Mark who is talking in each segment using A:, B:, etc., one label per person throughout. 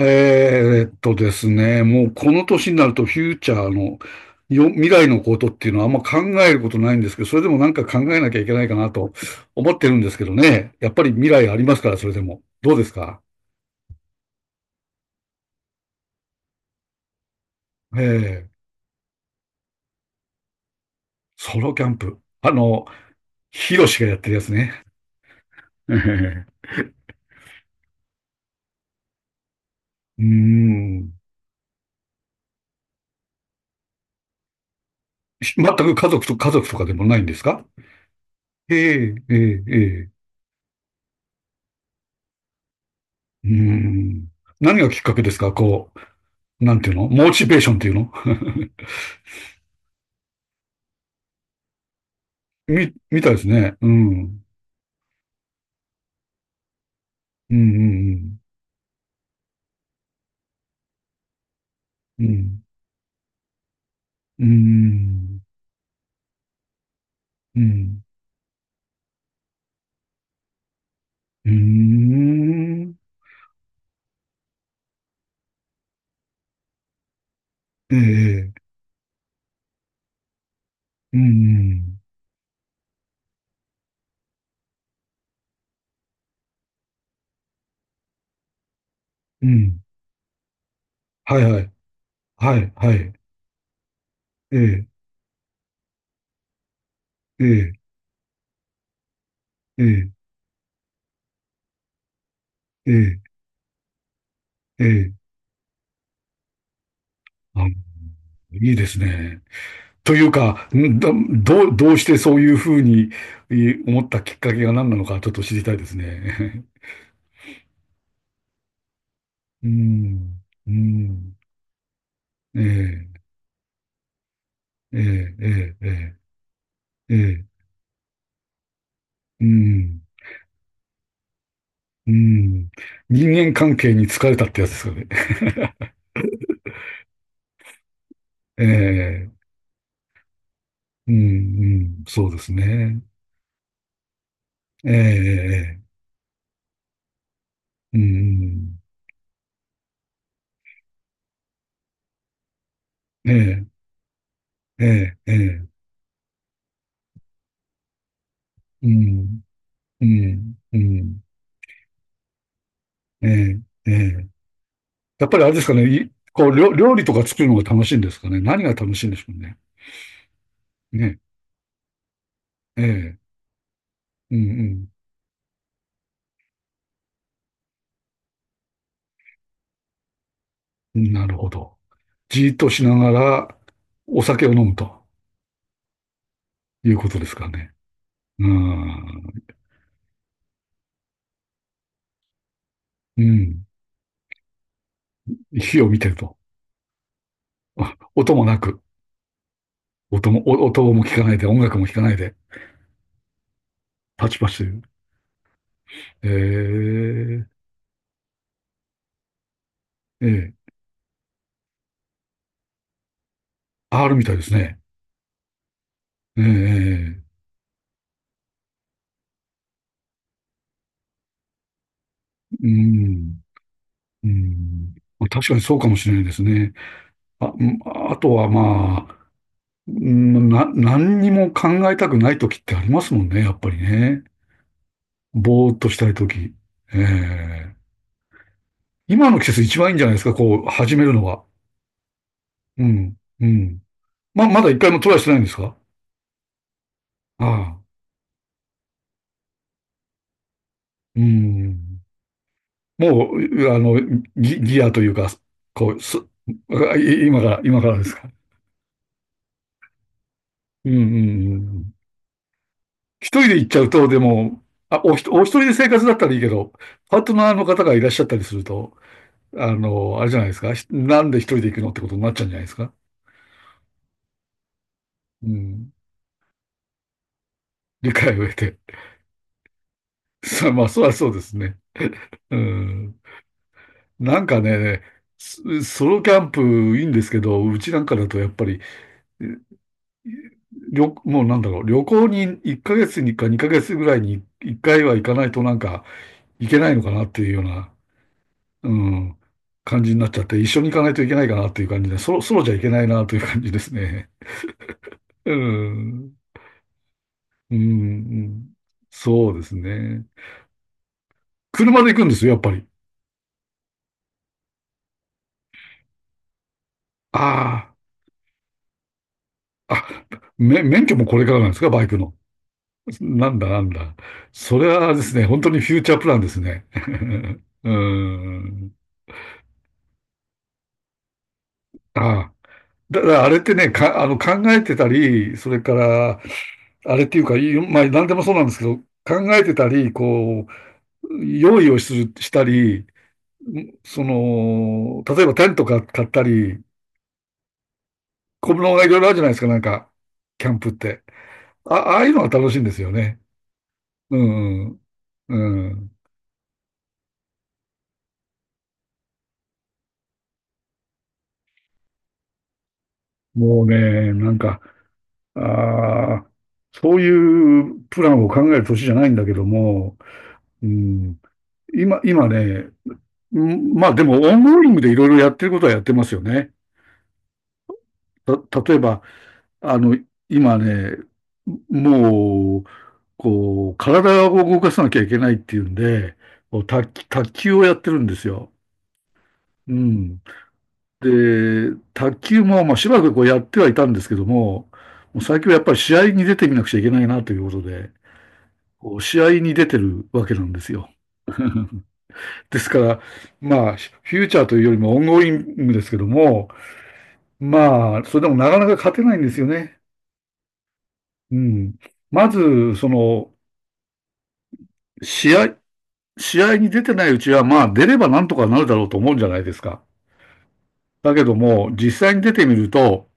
A: ですね、もうこの年になるとフューチャーの未来のことっていうのはあんま考えることないんですけど、それでもなんか考えなきゃいけないかなと思ってるんですけどね。やっぱり未来ありますから、それでも。どうですか？えー、ソロキャンプ。あの、ヒロシがやってるやつね。えーうーん。全く家族と、かでもないんですか？ええええええ。うーん。何がきっかけですか？こう、なんていうの、モチベーションっていうの。 みたいですね。うん。うん、うんうん、うん。うん、うん、うん。うーん。ええ、うん、うん。うん。はいはい。はい、はい。ええ、ええ、ええ、ええ、ええ。あ、いいですね。というか、どうしてそういうふうに思ったきっかけが何なのかちょっと知りたいですね。うん、うん。ええ、ええ、ええ、ええ、ええ、うん。うん。人間関係に疲れたってやつですよね。ええ、うん、うん、そうですね。ええ、ええ、うん、うんええ、ええ、ええ、うん、うん、うん、ええ、ええ。やっぱりあれですかね、いこう、料料理とか作るのが楽しいんですかね。何が楽しいんでしょうね。ね、ええ、うん、うん、なるほど。じーっとしながらお酒を飲むということですかね。うん、うん、火を見てると。音もなく、お音も聞かないで、音楽も聞かないで、パチパチという。ええええ R みたいですね。ええうん、うん。まあ確かにそうかもしれないですね。あ、あとはまあ、何にも考えたくない時ってありますもんね、やっぱりね。ぼーっとしたい時。ええ。今の季節一番いいんじゃないですか、こう、始めるのは。うん、うん。まだ一回もトライしてないんですか？ああ、うん。もう、あの、ギアというか、こう、す、あい今から、ですか？うんうんうん。一人で行っちゃうと、でも、あ、おひと、お一人で生活だったらいいけど、パートナーの方がいらっしゃったりすると、あれじゃないですか。なんで一人で行くのってことになっちゃうんじゃないですか？うん。理解を得て。まあ、そりゃそうですね。うん。なんかね、ソロキャンプいいんですけど、うちなんかだとやっぱり、もうなんだろう、旅行に1ヶ月にか2ヶ月ぐらいに1回は行かないとなんか行けないのかなっていうような、うん、感じになっちゃって、一緒に行かないといけないかなっていう感じで、そうじゃいけないなという感じですね。うん、うん、うんそうですね。車で行くんですよ、やっぱり。ああ、あ、免許もこれからなんですか、バイクの。なんだなんだ。それはですね、本当にフューチャープランですね。うん。ああ。だからあれってね、か、あの、考えてたり、それから、あれっていうか、まあ、何でもそうなんですけど、考えてたり、こう、用意をする、したり、その、例えばテントか買ったり、小物がいろいろあるじゃないですか、なんか、キャンプって。あ、ああいうのが楽しいんですよね。うん、うん。もうね、なんか、ああ、そういうプランを考える年じゃないんだけども、うん、今ね、うんまあでも、オンゴーリングでいろいろやってることはやってますよね。例えば、あの、今ね、もう、こう、体を動かさなきゃいけないっていうんで、こう卓球をやってるんですよ。うん。で、卓球も、まあ、しばらくこうやってはいたんですけども、もう最近はやっぱり試合に出てみなくちゃいけないなということで、こう試合に出てるわけなんですよ。ですから、まあ、フューチャーというよりもオンゴーリングですけども、まあ、それでもなかなか勝てないんですよね。うん。まず、その、試合、試合に出てないうちは、まあ、出ればなんとかなるだろうと思うんじゃないですか。だけども、実際に出てみると、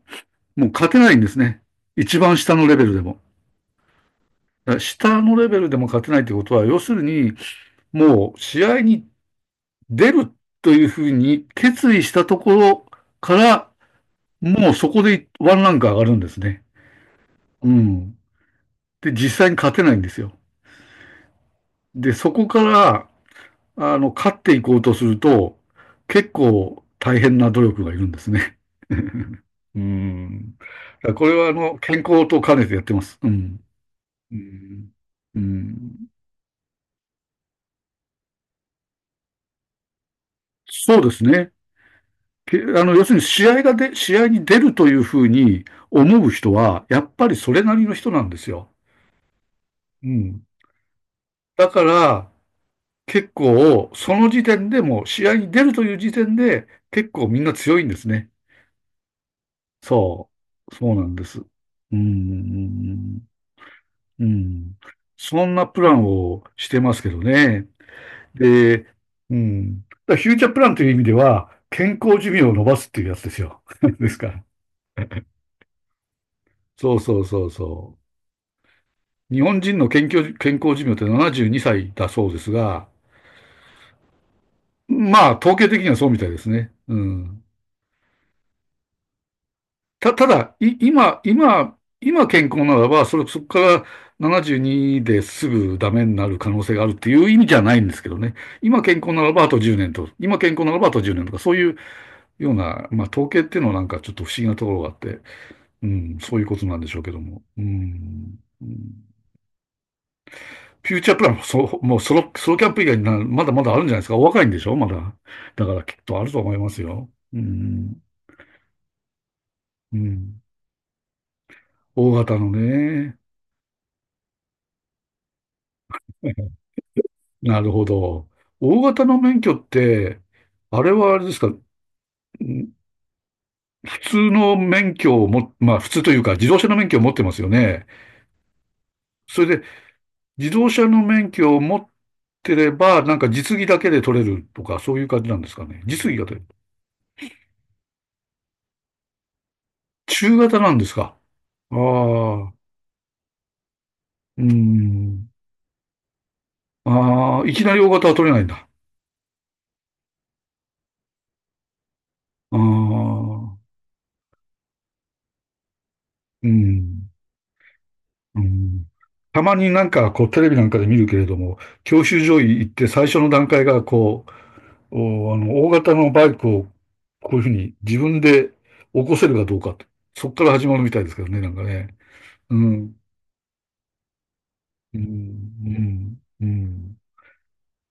A: もう勝てないんですね。一番下のレベルでも。だから下のレベルでも勝てないってことは、要するに、もう試合に出るというふうに決意したところから、もうそこでワンランク上がるんですね。うん。で、実際に勝てないんですよ。で、そこから、あの、勝っていこうとすると、結構大変な努力がいるんですね。うん。だからこれは、あの、健康と兼ねてやってます。うん。うん。うん。そうですね。けあの、要するに試合に出るというふうに思う人は、やっぱりそれなりの人なんですよ。うん。だから、結構、その時点でも、試合に出るという時点で、結構みんな強いんですね。そう。そうなんです。うん。うん。そんなプランをしてますけどね。で、うん。だからフューチャープランという意味では、健康寿命を伸ばすっていうやつですよ。ですから。そうそうそうそう。日本人の健康寿命って72歳だそうですが、まあ、統計的にはそうみたいですね。うん。ただ、い、今、今、今健康ならば、そこから72ですぐダメになる可能性があるっていう意味じゃないんですけどね。今健康ならばあと10年と、今健康ならばあと1年とか、そういうような、まあ統計っていうのはなんかちょっと不思議なところがあって、うん、そういうことなんでしょうけども。うん。うんフューチャープランも、そ、もうソロ、ソロキャンプ以外にまだまだあるんじゃないですか。お若いんでしょまだ。だからきっとあると思いますよ。うん。うん。大型のね。なるほど。大型の免許って、あれはあれですか、普通の免許をも、まあ普通というか自動車の免許を持ってますよね。それで自動車の免許を持ってれば、なんか実技だけで取れるとか、そういう感じなんですかね。実技が取れる。中型なんですか？ああ、うん。ああ、いきなり大型は取れないんだ。ああ、うん。うん、たまになんかこうテレビなんかで見るけれども、教習所行って最初の段階がこう、おあの大型のバイクをこういうふうに自分で起こせるかどうかと、そこから始まるみたいですけどね、なんかね。うん、うん、うん、うん。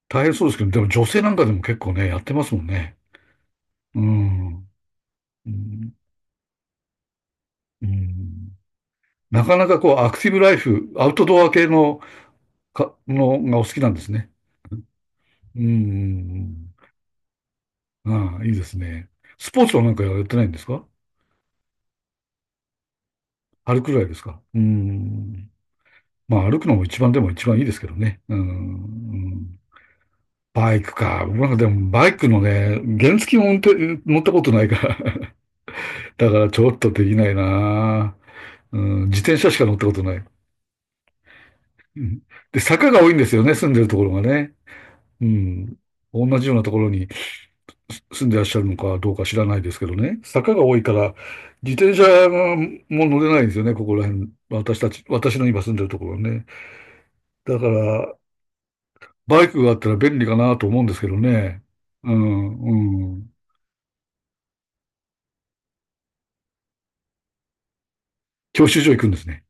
A: 大変そうですけど、でも女性なんかでも結構ね、やってますもんね。うん、うん、うん。なかなかこうアクティブライフ、アウトドア系の、のがお好きなんですね。うん、うん、うん。ああ、いいですね。スポーツはなんかやってないんですか？歩くぐらいですか、うーん。まあ歩くのも一番いいですけどね。うーん。うんバイクか。僕なんかでもバイクのね、原付も乗ったことないから。だからちょっとできないな。うん、自転車しか乗ったことない。うんで、坂が多いんですよね、住んでるところがね。うん。同じようなところに住んでらっしゃるのかどうか知らないですけどね、坂が多いから、自転車がもう乗れないんですよね、ここら辺。私たち、私の今住んでるところはね。だから、バイクがあったら便利かなと思うんですけどね。うん、うん。教習所行くんですね。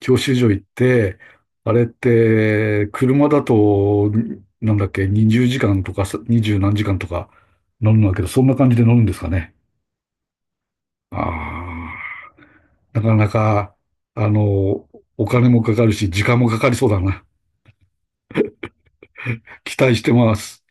A: 教習所行って、あれって、車だと、なんだっけ、20時間とか、20何時間とか乗るんだけど、そんな感じで乗るんですかね。ああ。なかなか、あの、お金もかかるし、時間もかかりそうだな。期待してます。